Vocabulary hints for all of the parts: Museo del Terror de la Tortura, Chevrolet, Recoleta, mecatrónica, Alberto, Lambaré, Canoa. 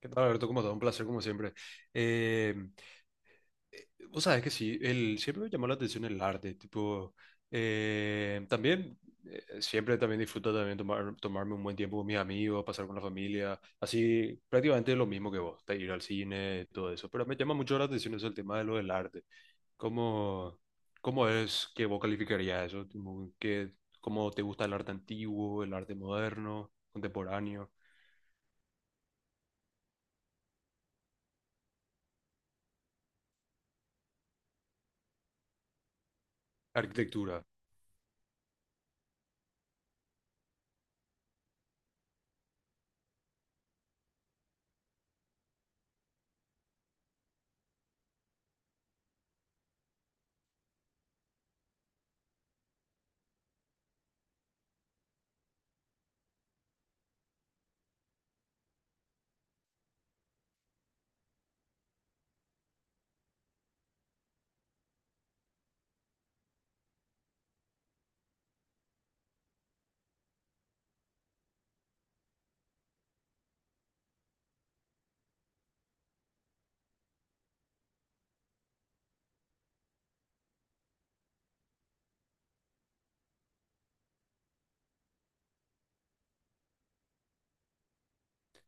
¿Qué tal, Alberto? ¿Cómo estás? Un placer, como siempre. Eh, vos sabés que sí, siempre me llamó la atención el arte, tipo, eh, también, siempre también disfruto también tomarme un buen tiempo con mis amigos, pasar con la familia, así, prácticamente lo mismo que vos, de ir al cine, todo eso, pero me llama mucho la atención eso, el tema de lo del arte. ¿Cómo, ¿cómo es que vos calificarías eso? Tipo, ¿cómo te gusta el arte antiguo, el arte moderno, contemporáneo, arquitectura?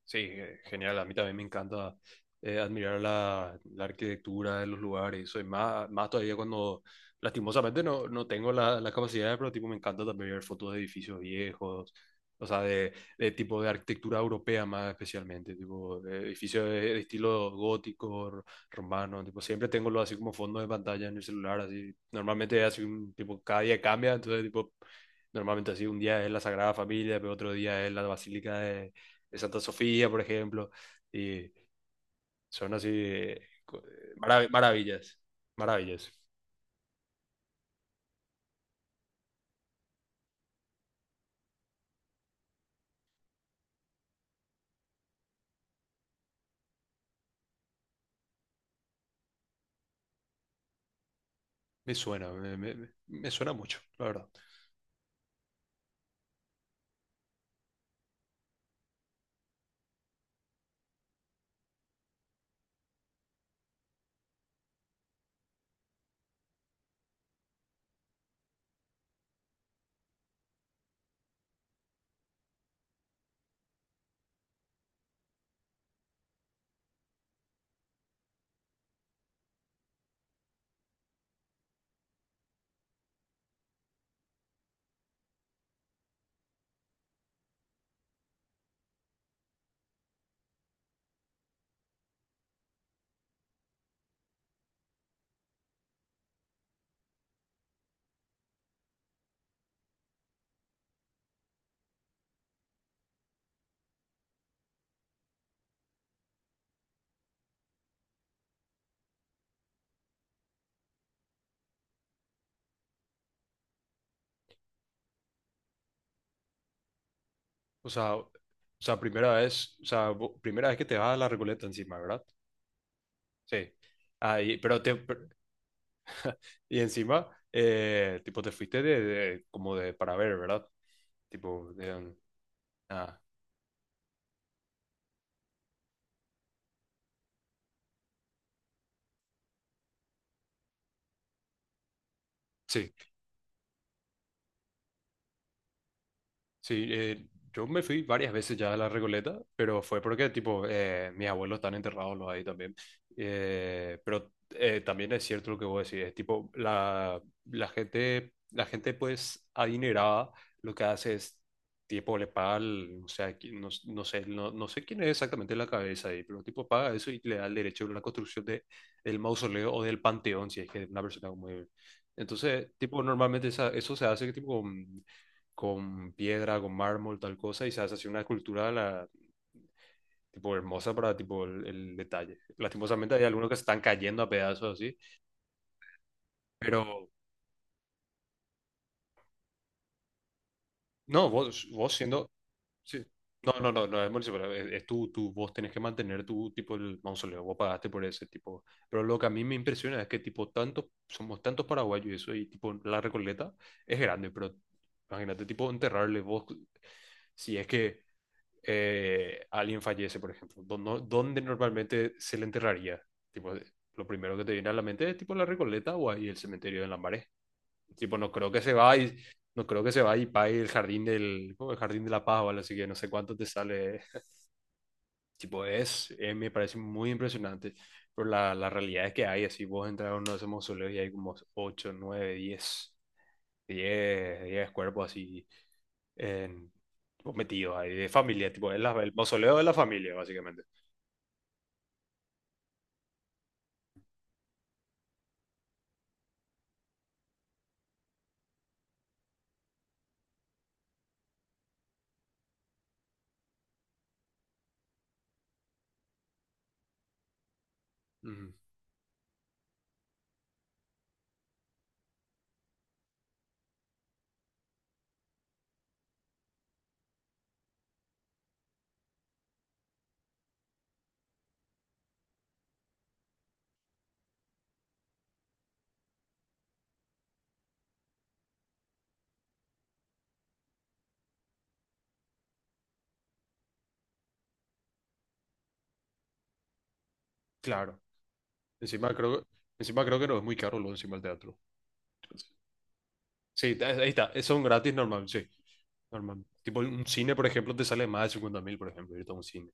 Sí, genial. A mí también me encanta admirar la arquitectura de los lugares. Soy más, más todavía cuando, lastimosamente, no tengo la capacidad, pero tipo, me encanta también ver fotos de edificios viejos, o sea, de tipo de arquitectura europea más especialmente, tipo de edificios de estilo gótico, romano. Tipo, siempre tengo lo así como fondo de pantalla en el celular. Así. Normalmente, así, tipo, cada día cambia, entonces, tipo, normalmente así, un día es la Sagrada Familia, pero otro día es la Basílica de Santa Sofía, por ejemplo, y son así maravillas, maravillas. Me suena, me suena mucho, la verdad. O sea, primera vez, o sea, primera vez que te vas a la Recoleta encima, ¿verdad? Sí. Ah, y- pero te, per- y encima, tipo, te fuiste de, como de para ver, ¿verdad? Tipo, de, un- ah, sí. Sí, yo me fui varias veces ya a la Recoleta, pero fue porque, tipo, mis abuelos están enterrados los ahí también. Pero también es cierto lo que vos decís, es tipo, la gente, pues, adinerada, lo que hace es, tipo, le paga, o sea, no, no sé, no sé quién es exactamente la cabeza ahí, pero, tipo, paga eso y le da el derecho a la construcción de, del mausoleo o del panteón, si es que es una persona muy... Entonces, tipo, normalmente eso se hace, que, tipo, con piedra, con mármol, tal cosa, y se hace así una escultura la, tipo hermosa para tipo el detalle. Lastimosamente hay algunos que se están cayendo a pedazos así, pero no, vos siendo... Sí. No, no, no, no es municipal, es tu, vos tenés que mantener tu tipo el mausoleo, vos pagaste por ese tipo. Pero lo que a mí me impresiona es que tipo tantos, somos tantos paraguayos y eso, y tipo la Recoleta es grande, pero imagínate tipo enterrarle vos, si es que alguien fallece, por ejemplo, ¿dónde normalmente se le enterraría? Tipo, lo primero que te viene a la mente es tipo la Recoleta o ahí el cementerio de Lambaré. Tipo, no creo que se vaya y no creo que se vaya y pague el jardín del ¿cómo? El jardín de la paz o algo así que no sé cuánto te sale. Tipo, es me parece muy impresionante. Pero la realidad es que hay así, vos entras a uno de esos mausoleos y hay como 8 9 10 10, 10 cuerpos así en, tipo, metidos ahí, de familia, tipo, el mausoleo de la familia, básicamente. Ujú, claro. Encima creo, encima creo que no es muy caro lo encima del teatro. Sí, ahí está, es un gratis normal, sí. Normal. Tipo, un cine, por ejemplo, te sale más de 50 mil, por ejemplo, irte a un cine.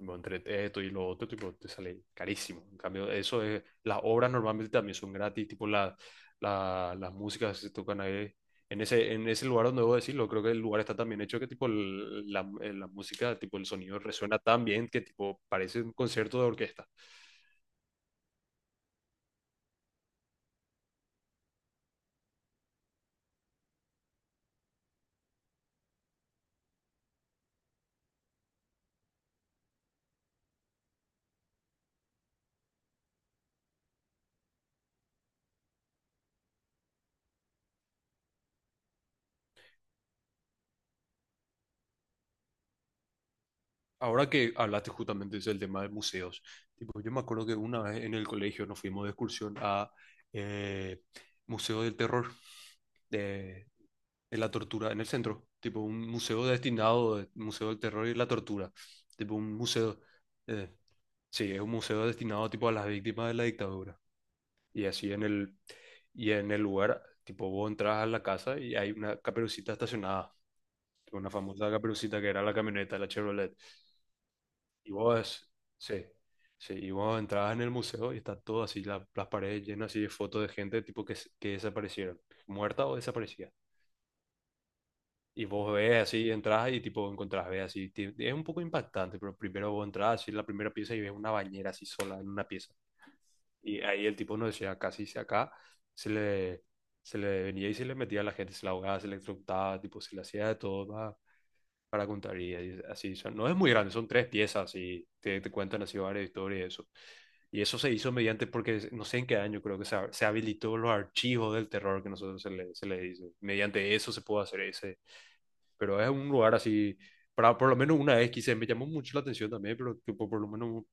Bueno, entre esto y lo otro, tipo, te sale carísimo. En cambio, eso es, las obras normalmente también son gratis, tipo la, las músicas que se tocan ahí. En ese lugar donde debo decirlo, creo que el lugar está tan bien hecho que tipo la música, tipo el sonido resuena tan bien que tipo parece un concierto de orquesta. Ahora que hablaste justamente del tema de museos, tipo, yo me acuerdo que una vez en el colegio nos fuimos de excursión a eh, Museo del Terror de, de la Tortura en el centro, tipo un museo destinado, al Museo del Terror y la Tortura, tipo un museo, eh, sí, es un museo destinado tipo a las víctimas de la dictadura. Y así y en el lugar, tipo vos entras a la casa y hay una caperucita estacionada, tipo, una famosa caperucita que era la camioneta, la Chevrolet. Y vos, sí, sí, y vos entrabas en el museo y está todo así, las paredes llenas así de fotos de gente tipo que, que desaparecieron, muerta o desaparecida. Y vos ves así, entras y tipo encontrás, ves así, es un poco impactante, pero primero vos entras así en la primera pieza y ves una bañera así sola en una pieza. Y ahí el tipo no decía, casi se acá, se le, se le venía y se le metía a la gente, se la ahogaba, se le electrocutaba, tipo se le hacía de todo, va, para contar y así son. No es muy grande, son tres piezas y te cuentan así varias historias y eso. Y eso se hizo mediante, porque no sé en qué año creo que se, se habilitó los archivos del terror que nosotros se le dice. Mediante eso se puede hacer ese. Pero es un lugar así, para, por lo menos una vez quise, me llamó mucho la atención también, pero tipo, por lo menos,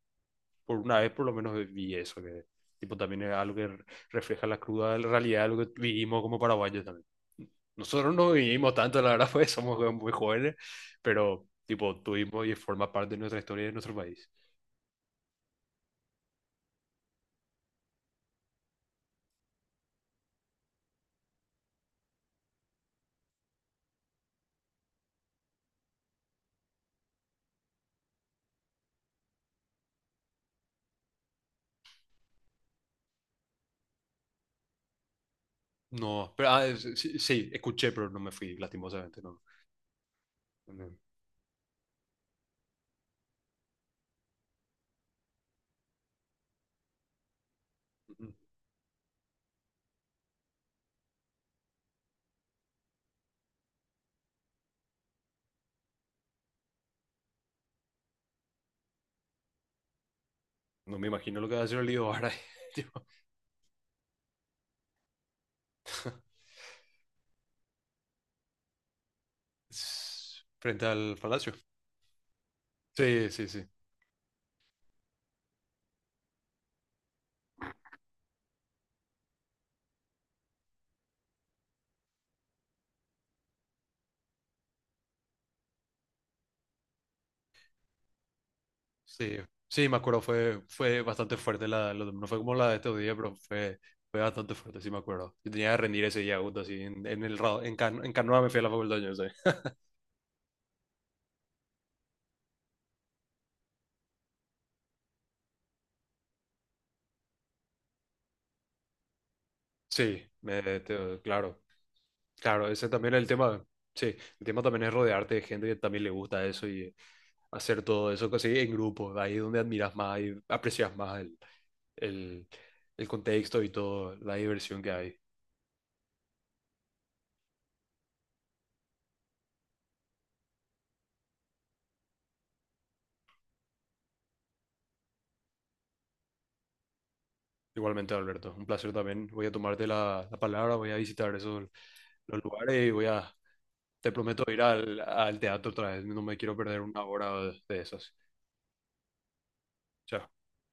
por una vez por lo menos vi eso, que tipo también es algo que refleja la cruda realidad de lo que vivimos como paraguayos también. Nosotros no vivimos tanto, la verdad, pues somos muy jóvenes, pero tipo tuvimos y forma parte de nuestra historia y de nuestro país. No, pero sí, sí, escuché, pero no me fui, lastimosamente, no. No, no no me imagino lo que va a hacer el lío ahora, tipo, frente al palacio. Sí, sí, sí, sí, sí, me acuerdo, fue, fue bastante fuerte, la, no fue como la de estos días, pero fue, fue bastante fuerte, sí me acuerdo. Yo tenía que rendir ese día, justo así, en el, ra- en, Can- en Canoa me fui a la facultad, yo sé. Sí, claro, claro, ese también es el tema. Sí, el tema también es rodearte de gente que también le gusta eso y hacer todo eso así en grupo. De ahí es donde admiras más y aprecias más el, el contexto y toda la diversión que hay. Igualmente, Alberto, un placer también. Voy a tomarte la palabra, voy a visitar esos los lugares y voy a, te prometo ir al, al teatro otra vez. No me quiero perder una hora de esas. Chao.